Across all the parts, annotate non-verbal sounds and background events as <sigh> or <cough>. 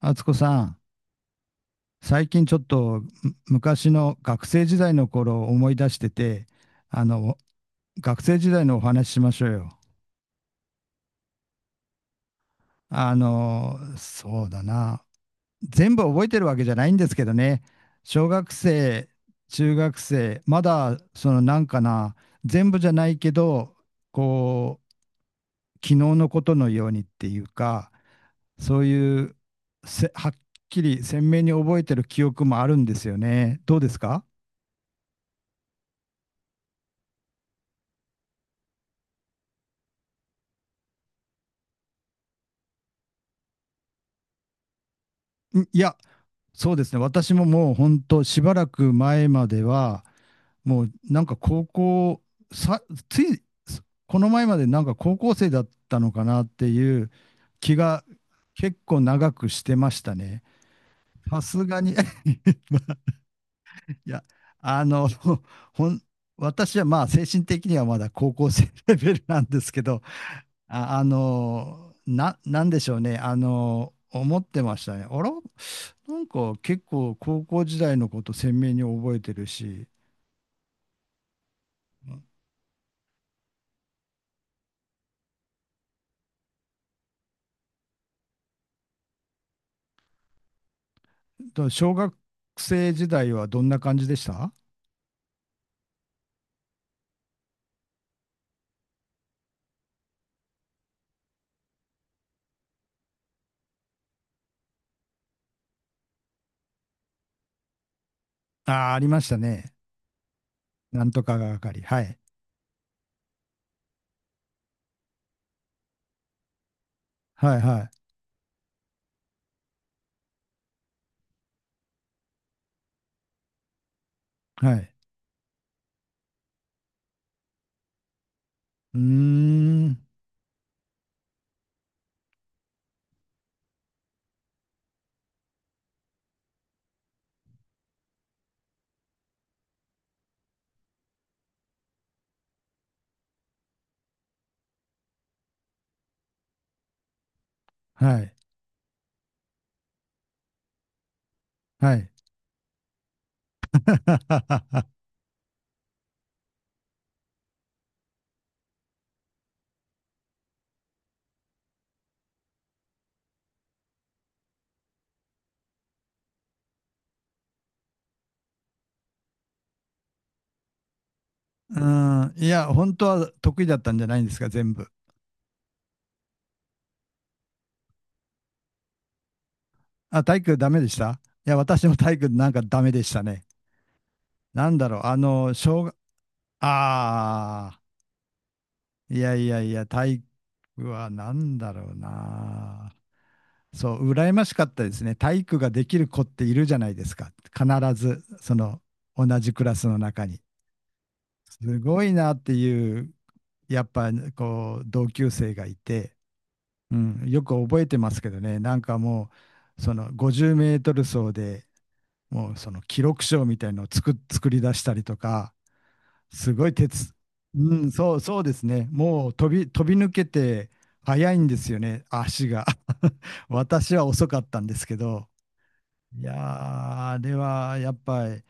敦子さん、最近ちょっと昔の学生時代の頃を思い出してて、あの、学生時代のお話ししましょうよ。そうだな。全部覚えてるわけじゃないんですけどね。小学生、中学生、まだそのなんかな、全部じゃないけど、こう、昨日のことのようにっていうか、そういうはっきり鮮明に覚えてる記憶もあるんですよね。どうですか？んいや、そうですね。私ももう本当しばらく前までは、もうなんか高校、さ、つい、この前までなんか高校生だったのかなっていう気が結構長くしてましたね。さすがに <laughs> いや、あの、ほん、私はまあ精神的にはまだ高校生レベルなんですけど、なんでしょうね。あのー思ってましたね。あら、なんか結構高校時代のこと鮮明に覚えてるし、と小学生時代はどんな感じでした？ああー、ありましたね。なんとかがかり。はい。はい、はい、はい。うーん。はい、はい。<laughs> うーん。いや、本当は得意だったんじゃないんですか、全部。あ、体育ダメでした？いや、私も体育なんかダメでしたね。なんだろう、あの、小学、ああ、いやいやいや、体育はなんだろうな。そう、羨ましかったですね。体育ができる子っているじゃないですか。必ず、その、同じクラスの中に。すごいなっていう、やっぱ、こう、同級生がいて、うん、よく覚えてますけどね、なんかもう、その、50メートル走でもう、その、記録賞みたいのを作り出したりとか、すごい鉄。うん、そうですね。もう飛び抜けて速いんですよね、足が。<laughs> 私は遅かったんですけど。いやー、あれはやっぱり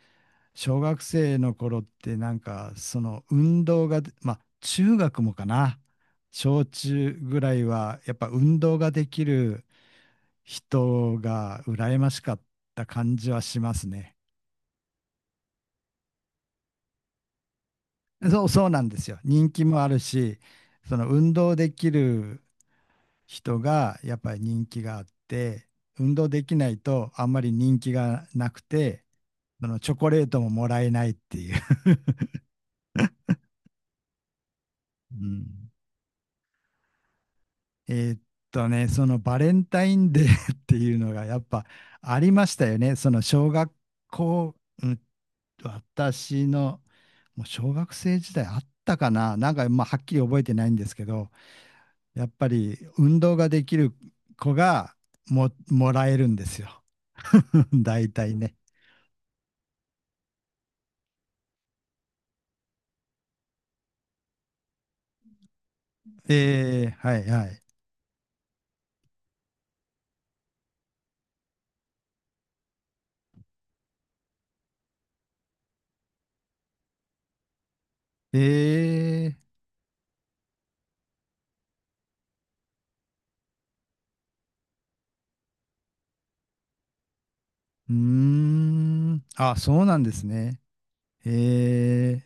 小学生の頃ってなんかその運動が、まあ中学もかな。小中ぐらいはやっぱ運動ができる人が羨ましかった感じはしますね。そうなんですよ。人気もあるし、その運動できる人がやっぱり人気があって、運動できないとあんまり人気がなくて、そのチョコレートももらえないっていう。<laughs> うん、えーっそのバレンタインデー <laughs> っていうのがやっぱありましたよね。その小学校、うん、私のもう小学生時代あったかな。なんかまあはっきり覚えてないんですけど、やっぱり運動ができる子がもらえるんですよ。<laughs> 大体ね。ええ、はいはい。ええ、うーん。あ、そうなんですね。え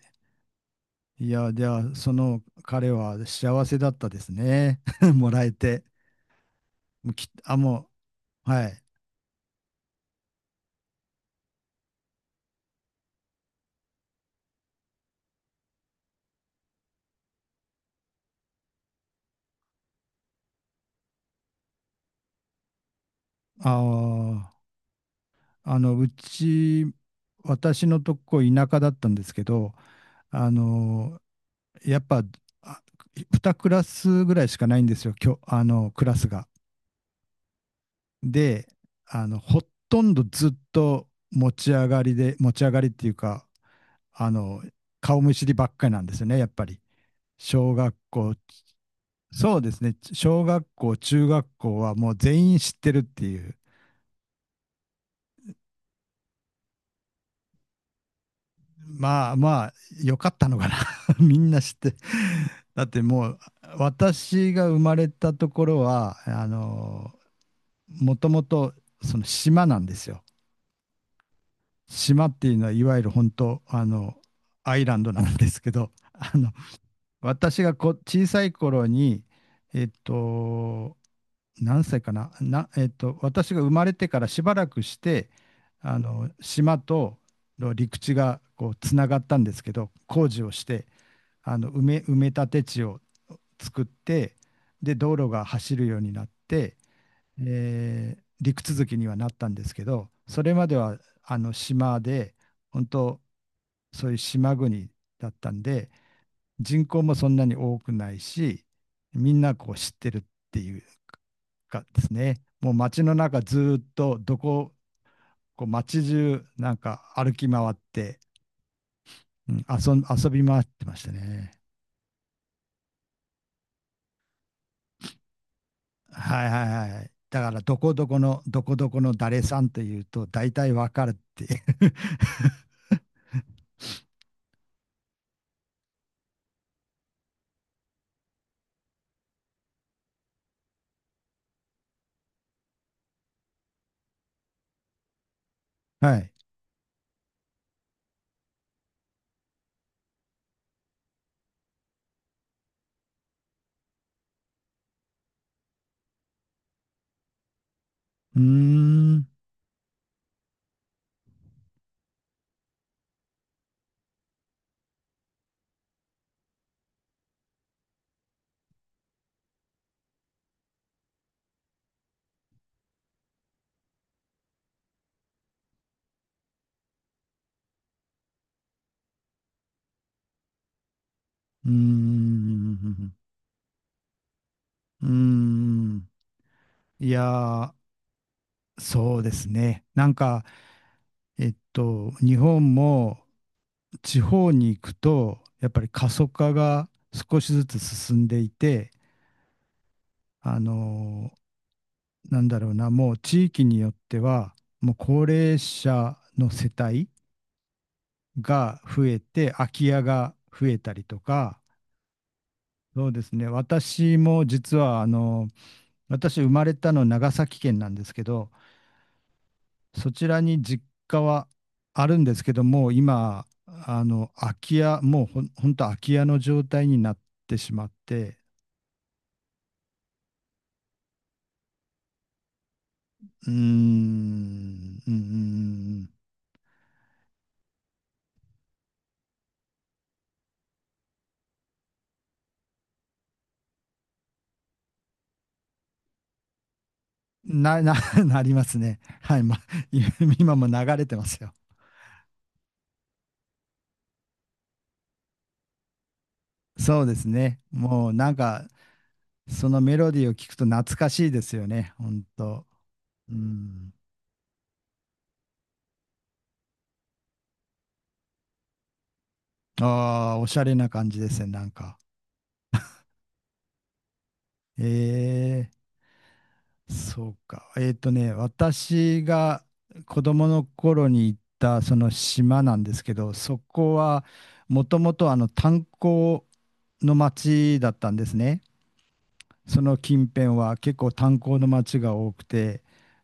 え、いや、じゃあ、その彼は幸せだったですね。<laughs> もらえて。もうき、あ、もう、はい。ああ、私のとこ田舎だったんですけど、あの、やっぱ、あ、2クラスぐらいしかないんですよ、きょ、あの、クラスが。で、ほとんどずっと持ち上がりで、持ち上がりっていうか、あの、顔見知りばっかりなんですよね、やっぱり。小学校、そうですね、小学校、中学校はもう全員知ってるっていう。まあまあ、よかったのかな <laughs>。みんな知って。だってもう、私が生まれたところは、あの、もともとその島なんですよ。島っていうのはいわゆる本当あのアイランドなんですけど <laughs> あの私が小さい頃にえっと何歳かなな、えっと、私が生まれてからしばらくしてあの島との陸地がこうつながったんですけど、工事をしてあの埋め立て地を作って、で道路が走るようになって、陸続きにはなったんですけど、それまではあの島で、本当そういう島国だったんで、人口もそんなに多くないし、みんなこう知ってるっていうかですね、もう街の中ずーっとどこ、こう街中なんか歩き回って、うん、遊び回ってましたね。はいはいはい。だから、どこどこの誰さんというと、大体わかるっていう。<laughs> はい。うーん。うーん。うーん。いやー、そうですね。なんか、えっと、日本も地方に行くと、やっぱり過疎化が少しずつ進んでいて、あのーなんだろうな、もう地域によっては、もう高齢者の世帯が増えて、空き家が増えたりとか、そうですね。私も実はあの、私、生まれたの長崎県なんですけど、そちらに実家はあるんですけども、今、あの空き家、もうほん、ほんと空き家の状態になってしまって、うーん、うん、な、な、<laughs> なりますね。はい、ま、<laughs> 今今も流れてますよ。そうですね。もうなんかそのメロディーを聞くと懐かしいですよね、ほんと。うん。ああ、おしゃれな感じですね、なんか。ええ、そうか。えっとね、私が子供の頃に行ったその島なんですけど、そこはもともとあの炭鉱の町だったんですね。その近辺は結構炭鉱の町が多くて、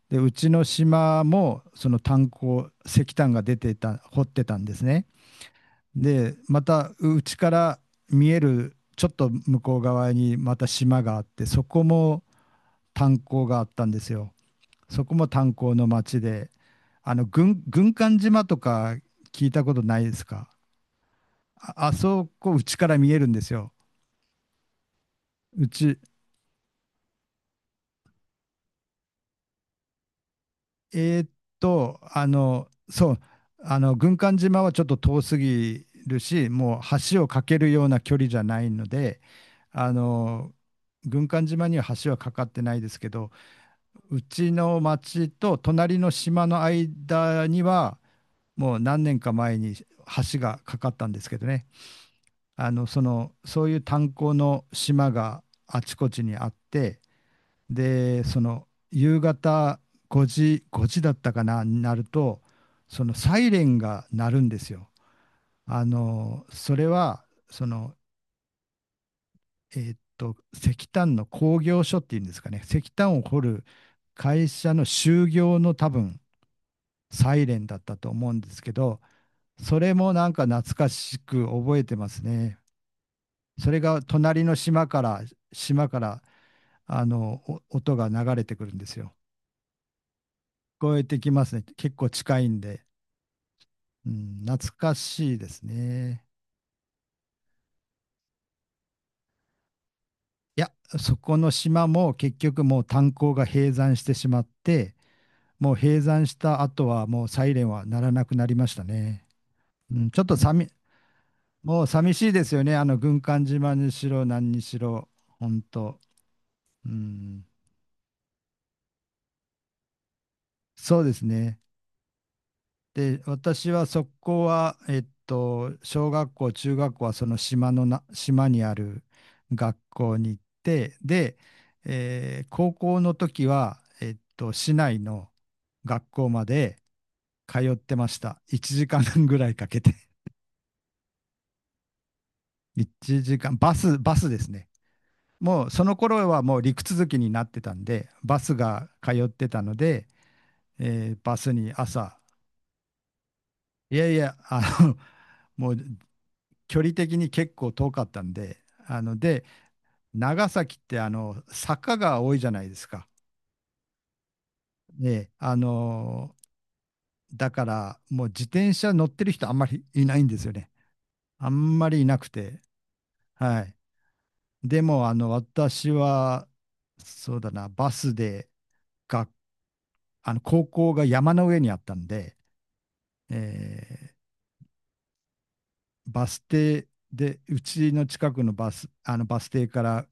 で、うちの島もその炭鉱、石炭が出てた、掘ってたんですね。でまたうちから見えるちょっと向こう側にまた島があって、そこも炭鉱があったんですよ。そこも炭鉱の町で、あの軍艦島とか聞いたことないですか？ああ、そこうちから見えるんですよ。うちえーっとあのそうあの軍艦島はちょっと遠すぎるし、もう橋を架けるような距離じゃないので、あの軍艦島には橋は架かってないですけど、うちの町と隣の島の間には、もう何年か前に橋がかかったんですけどね。あの、その、そういう炭鉱の島があちこちにあって、で、その、夕方5時、5時だったかな、になると、そのサイレンが鳴るんですよ。あの、それは、その、石炭の工業所っていうんですかね、石炭を掘る会社の就業の多分サイレンだったと思うんですけど、それもなんか懐かしく覚えてますね。それが隣の島から、あの、音が流れてくるんですよ。聞こえてきますね。結構近いんで。うん、懐かしいですね。いや、そこの島も結局もう炭鉱が閉山してしまって、もう閉山した後はもうサイレンは鳴らなくなりましたね。うん、ちょっと寂、もう寂しいですよね。あの軍艦島にしろ何にしろ、本当うん、そうですね。で、私はそこは、えっと、小学校、中学校はその島のな、島にある学校に行って、で、高校の時は、えっと、市内の学校まで通ってました。1時間ぐらいかけて。<laughs> 1時間、バスですね。もうその頃はもう陸続きになってたんで、バスが通ってたので、えーバスに朝、いやいや、あの、もう距離的に結構遠かったんで、あので、長崎ってあの坂が多いじゃないですか。ね、あのだからもう自転車乗ってる人あんまりいないんですよね。あんまりいなくて。はい。でも、あの、私は、そうだな、バスで、が、あの、高校が山の上にあったんで、えーバス停で、うちの近くのバス、あの、バス停から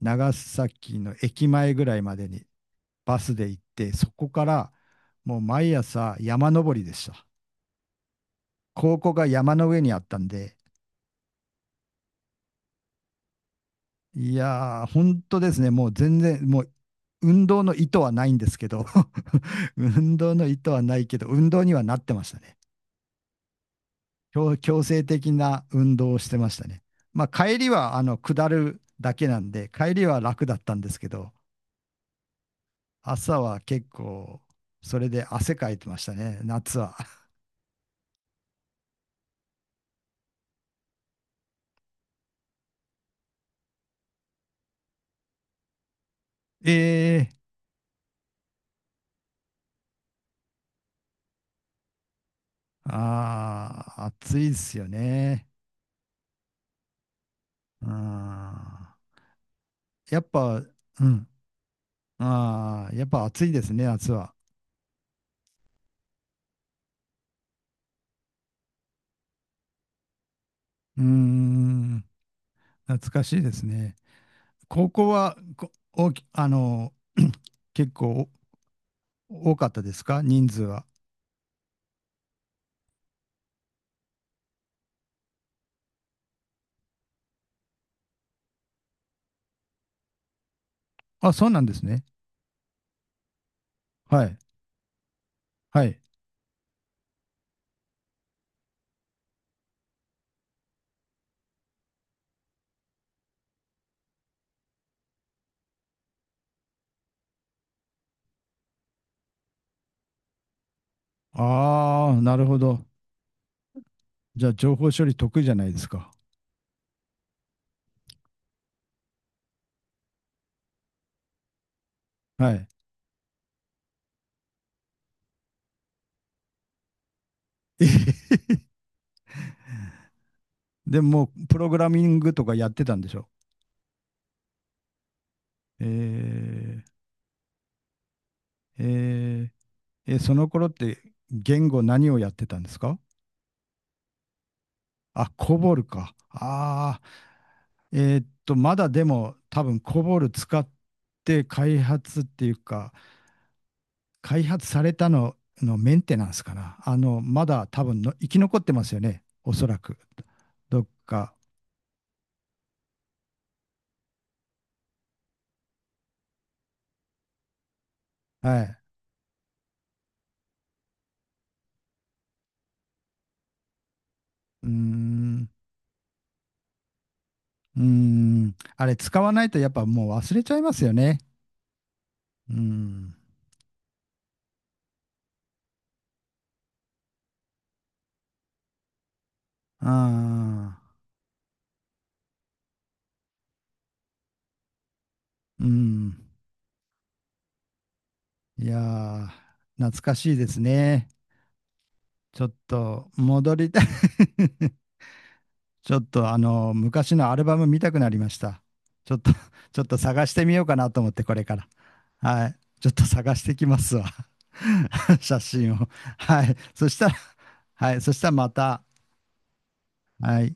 長崎の駅前ぐらいまでにバスで行って、そこからもう毎朝山登りでした。高校が山の上にあったんで、いやー、本当ですね、もう全然、もう運動の意図はないんですけど、<laughs> 運動の意図はないけど、運動にはなってましたね。強制的な運動をしてましたね。まあ、帰りはあの下るだけなんで、帰りは楽だったんですけど、朝は結構、それで汗かいてましたね、夏は。<laughs> ええ、ああ、暑いですよね。うん。やっぱ、うん。ああ、やっぱ暑いですね、夏は。うーん。懐かしいですね。高校は、こ、大き、あの、<clears throat> 結構多かったですか、人数は。あ、そうなんですね。はい。はい。ああ、なるほど。じゃあ、情報処理得意じゃないですか。はい。<laughs> でも、プログラミングとかやってたんでしょ？えー、えーえ、その頃って言語何をやってたんですか？あ、コボルか。ああ、えーっと、まだでも多分コボル使って開発っていうか、開発されたののメンテナンスかな。あの、まだ多分生き残ってますよね、おそらく。どっか。はい。うーん。うーん。あれ、使わないとやっぱもう忘れちゃいますよね。うん。ああ、うん。いやー、懐かしいですね。ちょっと戻りたい。<laughs> ちょっとあの、昔のアルバム見たくなりました。ちょっと、<laughs> ちょっと探してみようかなと思って、これから。はい。ちょっと探してきますわ。<laughs> 写真を。はい。そしたら、はい。そしたらまた、はい。